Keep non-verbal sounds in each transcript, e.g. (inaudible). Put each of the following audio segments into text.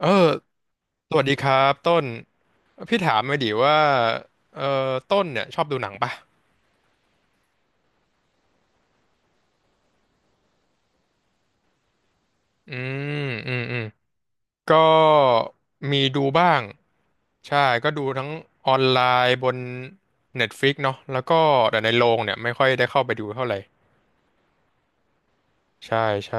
เออสวัสดีครับต้น พี่ถามมาดิว่าเออต้นเนี่ยชอบดูหนังปะอืมอืมอืมก็มีดูบ้าง ใช่ ก็ดูทั้งออนไลน์บน Netflix เนาะแล้วก็แต่ในโรงเนี่ยไม่ค่อยได้เข้าไปดูเท่าไหร่ ใช่ ใช่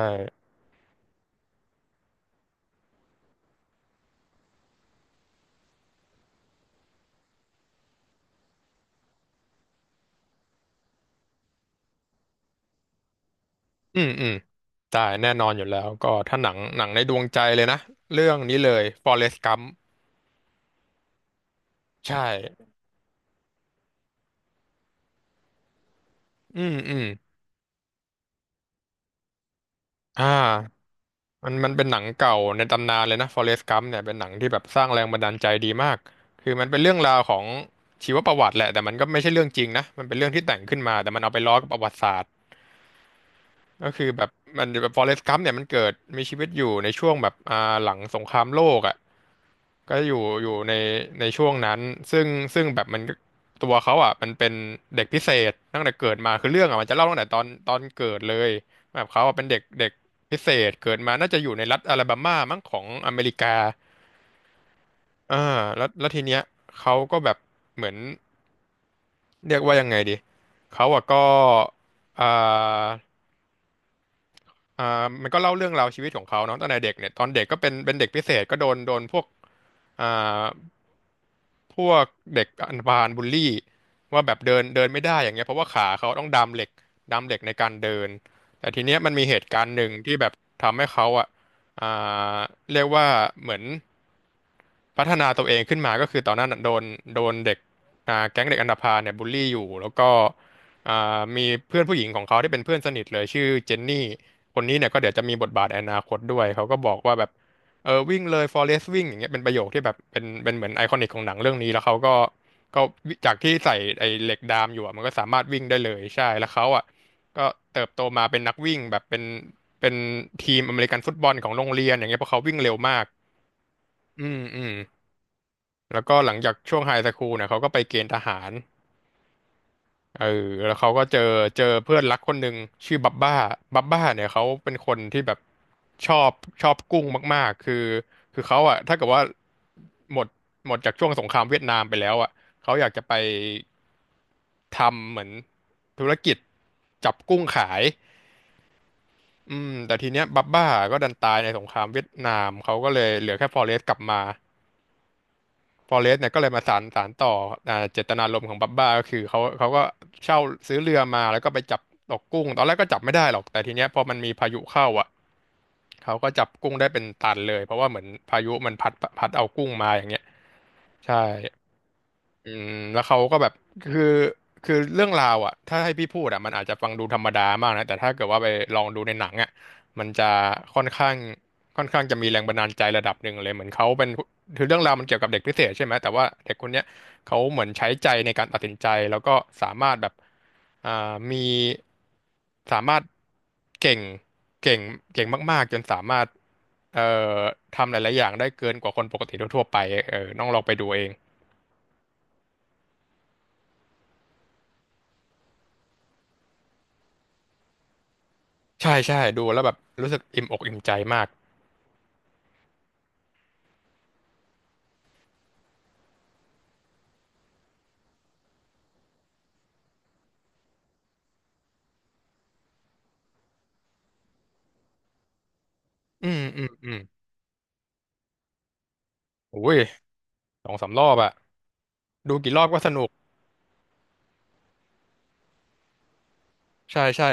อืม อืมได้แน่นอนอยู่แล้วก็ถ้าหนังในดวงใจเลยนะเรื่องนี้เลย Forrest Gump ใช่ อืม อืม อ่า มันเป็นหนังเก่าในตำนานเลยนะ Forrest Gump เนี่ยเป็นหนังที่แบบสร้างแรงบันดาลใจดีมากคือมันเป็นเรื่องราวของชีวประวัติแหละแต่มันก็ไม่ใช่เรื่องจริงนะมันเป็นเรื่องที่แต่งขึ้นมาแต่มันเอาไปล้อกับประวัติศาสตร์ก็คือแบบมันแบบ Forrest Gump เนี่ยมันเกิดมีชีวิตอยู่ในช่วงแบบหลังสงครามโลกอ่ะ ก็อยู่ในในช่วงนั้นซึ่งซึ่งแบบมันตัวเขาอ่ะมันเป็นเด็กพิเศษตั้งแต่เกิดมาคือเรื่องอ่ะมันจะเล่าตั้งแต่ตอนเกิดเลยแบบเขาอ่ะเป็นเด็กเด็กพิเศษเกิดมาน่าจะอยู่ในรัฐอลาบามามั้งของอเมริกาอ่าแล้วทีเนี้ยเขาก็แบบเหมือนเรียกว่ายังไงดีเขาอ่ะก็อ่า มันก็เล่าเรื่องราวชีวิตของเขาเนาะตั้งแต่เด็กเนี่ยตอนเด็กก็เป็นเด็กพิเศษก็โดนโดนพวกอ่าพวกเด็กอันบานบูลลี่ว่าแบบเดินเดินไม่ได้อย่างเงี้ยเพราะว่าขาเขาต้องดามเหล็กในการเดินแต่ทีเนี้ยมันมีเหตุการณ์หนึ่งที่แบบทำให้เขาอ่ะอ่าเรียกว่าเหมือน พัฒนาตัวเองขึ้นมาก็คือตอนนั้นน่ะโดนเด็กแก๊งเด็กอันธพาลเนี่ยบูลลี่อยู่แล้วก็มีเพื่อนผู้หญิงของเขาที่เป็นเพื่อนสนิทเลยชื่อเจนนี่คนนี้เนี่ยก็เดี๋ยวจะมีบทบาทในอนาคตด้วยเขาก็บอกว่าแบบเออวิ่งเลย Forest วิ่งอย่างเงี้ยเป็นประโยคที่แบบเป็นเหมือนไอคอนิกของหนังเรื่องนี้แล้วเขาก็ก็จากที่ใส่ไอเหล็กดามอยู่อะมันก็สามารถวิ่งได้เลยใช่แล้วเขาอ่ะก็เติบโตมาเป็นนักวิ่งแบบเป็นทีมอเมริกันฟุตบอลของโรงเรียนอย่างเงี้ยเพราะเขาวิ่งเร็วมากอืมอืม แล้วก็หลังจากช่วงไฮสคูลเนี่ยเขาก็ไปเกณฑ์ทหารเออแล้วเขาก็เจอเพื่อนรักคนหนึ่งชื่อบับบ้าบับบ้าเนี่ยเขาเป็นคนที่แบบชอบชอบกุ้งมากๆคือเขาอะถ้าเกิดว่าหมดหมดจากช่วงสงครามเวียดนามไปแล้วอะเขาอยากจะไปทำเหมือนธุรกิจจับกุ้งขายอืมแต่ทีเนี้ยบับบ้าก็ดันตายในสงครามเวียดนามเขาก็เลยเหลือแค่ฟอเรสต์กลับมา ฟอเรสต์เนี่ยก็เลยมาสานต่ออ่าเจตนารมณ์ของบับบ้าก็คือเขาก็เช่าซื้อเรือมาแล้วก็ไปจับตกกุ้งตอนแรกก็จับไม่ได้หรอกแต่ทีเนี้ยพอมันมีพายุเข้าอ่ะเขาก็จับกุ้งได้เป็นตันเลยเพราะว่าเหมือนพายุมันพัดเอากุ้งมาอย่างเงี้ยใช่ อืมแล้วเขาก็แบบคือคือเรื่องราวอ่ะถ้าให้พี่พูดอ่ะมันอาจจะฟังดูธรรมดามากนะแต่ถ้าเกิดว่าไปลองดูในหนังอ่ะมันจะค่อนข้างค่อนข้างจะมีแรงบันดาลใจระดับหนึ่งเลยเหมือนเขาเป็นคือเรื่องราวมันเกี่ยวกับเด็กพิเศษใช่ไหมแต่ว่าเด็กคนเนี้ยเขาเหมือนใช้ใจในการตัดสินใจแล้วก็สามารถแบบอ่ามีสามารถเก่งเก่งเก่งมากๆจนสามารถเอ่อทำหลายๆอย่างได้เกินกว่าคนปกติทั่วๆไปเออต้องลองไปดูเอง ใช่ใช่ดูแล้วแบบรู้สึกอิ่มอกอิ่มใจมากอืมอืมอืมโอ้ยสองสามรอบอะดูกี่รอบก็สนุกใช่ใช่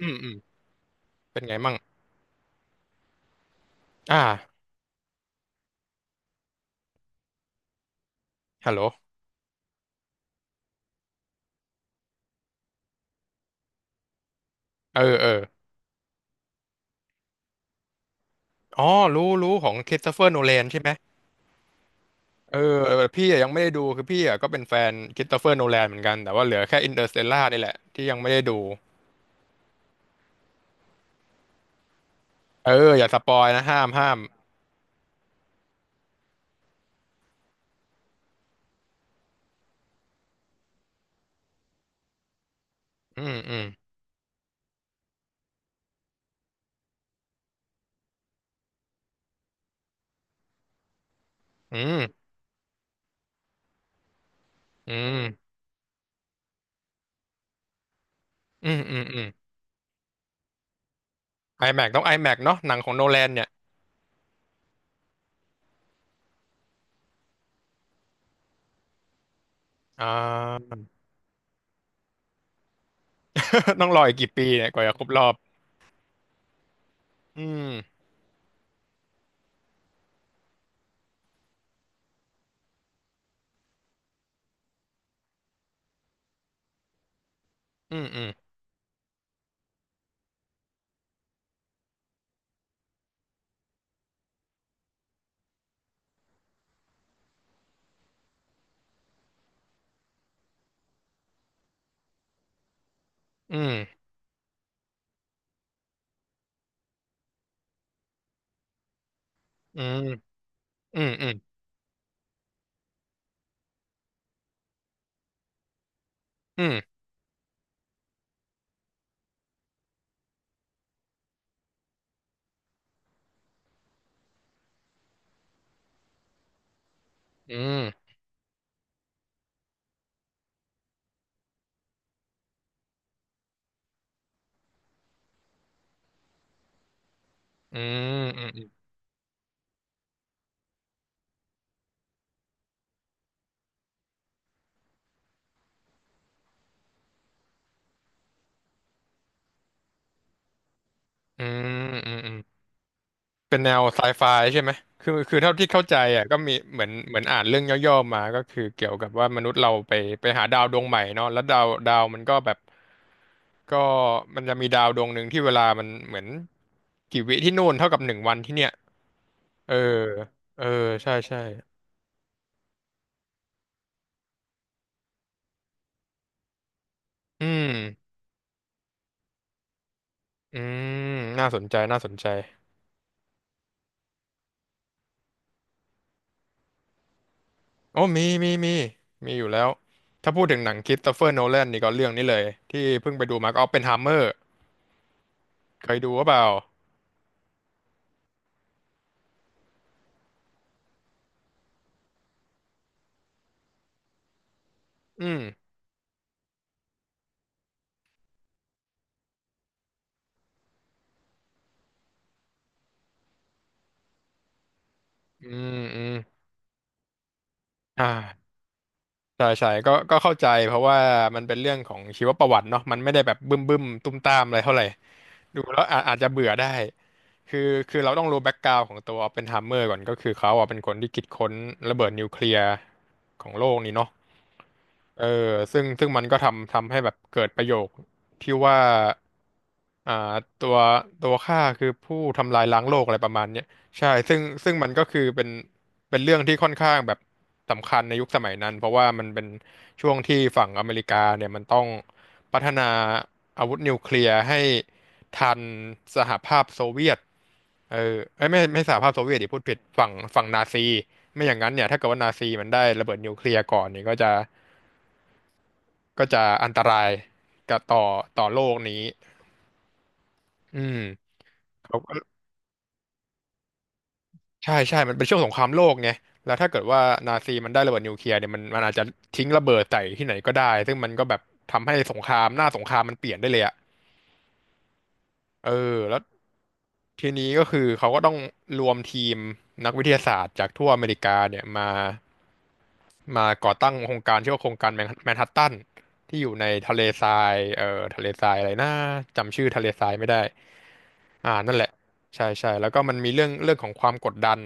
อืมอืมเป็นไงมั่งอ่าฮัลโหลเออเอออ๋อรู้ของค h r ส s ตเฟอร์โนแลนใช่ไหมเออเออพี่อะยังไม่ได้ดูคือพี่อะก็เป็นแฟนค h r ส s ตเฟอร์โนแลนเหมือนกันแต่ว่าเหลือแค่อินเตอร์สเตลล่านี่แหละที่ยังไม่ได้ดูเอออย่าสปอยนะห้ามห้ามอืมอืมอืมอืมอืมอืมอืมไอแม็กต้องไอแม็กเนาะหนังของโนแลนเนี่ยอ่า (laughs) ต้องรออีกกี่ปีเนี่ยกว่าจะครบรอบอืมอืมอืมอืมอืมอืมอืมอืมอืมอืมอืมอืมอืมอืม เป็นแนวไซไฟใช่ไหม คือเท่าที่เข้าใจอ่ะก็มีเหมือนอ่านเรื่องย่อๆมา ก็คือเกี่ยวกับว่ามนุษย์เราไปไปหาดาวดวงใหม่เนาะแล้วดาวดาวมันก็แบบก็มันจะมีดาวดวงหนึ่งที่เวลามันเหมือนกี่วิที่นู่นเท่ากับหนึ่งวันที่เนี่ยเออเออใช่ใช่อืม อืมน่าสนใจน่าสนใจ โอ้มีมีมีมีอยู่แล้วถ้าพูดถึงหนังคริสโตเฟอร์โนแลนนี่ก็เรื่องนี้เลยที่เพิ่งไปดูมาก็ออปเพนไฮเมอร์เคยดูหรือเปล่าอืมอืมอืมอ่าใช่ใช่ก็ก็เข้าใจเพราะว่ามันเป็นเรื่องของชีวประวัติเนาะมันไม่ได้แบบบึ้มบึ้มตุ้มตามอะไรเท่าไหร่ดูแล้วอาอาจจะเบื่อได้คือคือเราต้องรู้แบ็กกราวด์ของตัวออปเพนไฮเมอร์ก่อนก็คือเขาอ่ะเป็นคนที่คิดค้นระเบิดนิวเคลียร์ของโลกนี่เนาะ เออซึ่งมันก็ทำให้แบบเกิดประโยคที่ว่าอ่าตัวตัวข้าคือผู้ทำลายล้างโลกอะไรประมาณเนี้ยใช่ซึ่งมันก็คือเป็นเป็นเรื่องที่ค่อนข้างแบบสำคัญในยุคสมัยนั้นเพราะว่ามันเป็นช่วงที่ฝั่งอเมริกาเนี่ยมันต้องพัฒนาอาวุธนิวเคลียร์ให้ทันสหภาพโซเวียตเออเอ้ยไม่สหภาพโซเวียตดิพูดผิดฝั่งฝั่งนาซีไม่อย่างนั้นเนี่ยถ้าเกิดว่านาซีมันได้ระเบิดนิวเคลียร์ก่อนเนี่ยก็จะ ก็จะอันตรายกับต่อต่อโลกนี้อืมเขาก็ใช่ใช่ มันเป็นช่วงสงครามโลกไงแล้วถ้าเกิดว่านาซีมันได้ระเบิดนิวเคลียร์เนี่ยมันมันอาจจะทิ้งระเบิดใส่ที่ไหนก็ได้ ซึ่งมันก็แบบทำให้สงครามหน้าสงครามมันเปลี่ยนได้เลยอะ เออแล้วทีนี้ก็คือเขาก็ต้องรวมทีมนักวิทยาศาสตร์จากทั่วอเมริกาเนี่ยมามาก่อตั้งโครงการชื่อว่าโครงการแมนแมนฮัตตันที่อยู่ในทะเลทรายทะเลทรายอะไรนะจำชื่อทะเลทรายไม่ได้อ่านั่นแหละใช่ใช่แล้วก็มันมีเรื่องของความกดดัน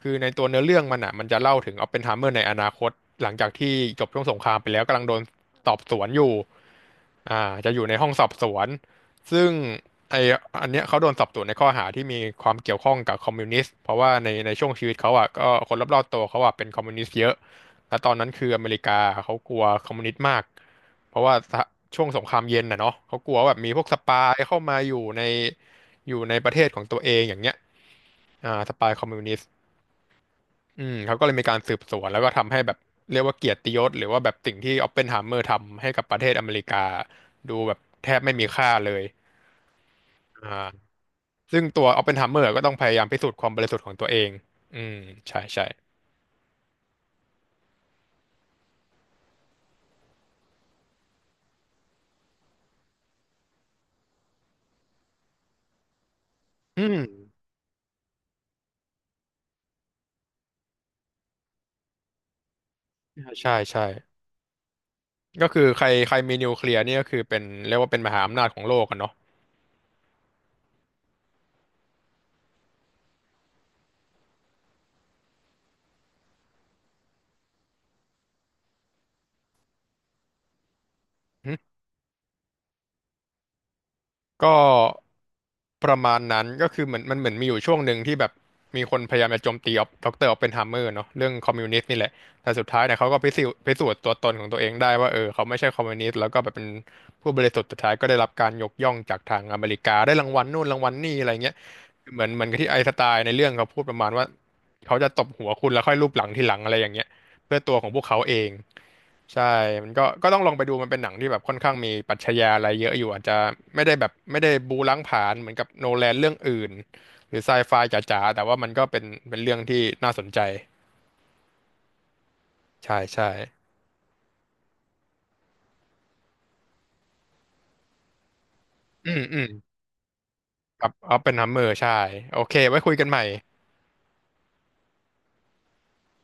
คือในตัวเนื้อเรื่องมันอ่ะมันจะเล่าถึงออปเพนไฮเมอร์ในอนาคตหลังจากที่จบช่วงสงครามไปแล้วกำลังโดนสอบสวนอยู่อ่าจะอยู่ในห้องสอบสวนซึ่ง ไออันเนี้ยเขาโดนสอบสวนในข้อหาที่มีความเกี่ยวข้องกับคอมมิวนิสต์เพราะว่าในช่วงชีวิตเขาอ่ะก็คนรอบๆตัวเขาอ่ะเป็นคอมมิวนิสต์เยอะแล้วตอนนั้นคืออเมริกาเขากลัวคอมมิวนิสต์มากเพราะว่าสหช่วงสงครามเย็นน่ะเนาะเขากลัวว่าแบบมีพวกสปายเข้ามาอยู่ในอยู่ในประเทศของตัวเองอย่างเงี้ยอ่าสปายคอมมิวนิสต์อืมเขาก็เลยมีการสืบสวนแล้วก็ทำให้แบบเรียกว่าเกียรติยศหรือว่าแบบสิ่งที่ออปเพนไฮเมอร์ทำให้กับประเทศอเมริกาดูแบบแทบไม่มีค่าเลยอ่า ซึ่งตัวออปเพนไฮเมอร์ก็ต้องพยายามพิสูจน์ความบริสุทธิ์ของตัวเองอืมใช่ใช่อืมใช่ใช่ก็คือใครใครมีนิวเคลียร์นี่ก็คือเป็นเรียกว่าเป็นมหาอำนาจของโลกอะเนาะอืมก็ ประมาณนั้นก็คือเหมือนมันเหมือนมีอยู่ช่วงหนึ่งที่แบบมีคนพยายามจะโจมตีออปดรออปเพนไฮเมอร์เนาะเรื่องคอมมิวนิสต์นี่แหละแต่สุดท้ายเนี่ยเขาก็พิสูจน์ตัวตนของตัวเองได้ว่าเออเขาไม่ใช่คอมมิวนิสต์แล้วก็แบบเป็นผู้บริสุทธิ์สุดท้ายก็ได้รับการยกย่องจากทางอเมริกาได้รางวัลนู่นรางวัลนี่อะไรเงี้ยเหมือนเหมือนกับที่ไอน์สไตน์ในเรื่องเขาพูดประมาณว่าเขาจะตบหัวคุณแล้วค่อยลูบหลังทีหลังอะไรอย่างเงี้ยเพื่อตัวของพวกเขาเอง ใช่ มันก็ก็ต้องลองไปดูมันเป็นหนังที่แบบค่อนข้างมีปรัชญาอะไรเยอะอยู่อาจจะไม่ได้แบบไม่ได้บู๊ล้างผลาญเหมือนกับโนแลนเรื่องอื่นหรือไซไฟจ๋าๆ แต่ว่ามันก็เป็นเป็นเรื่องที่น่าสนใจใช่ใช่อืมอืมกับออปเพนไฮเมอร์ใช่โอเคไว้คุยกันใหม่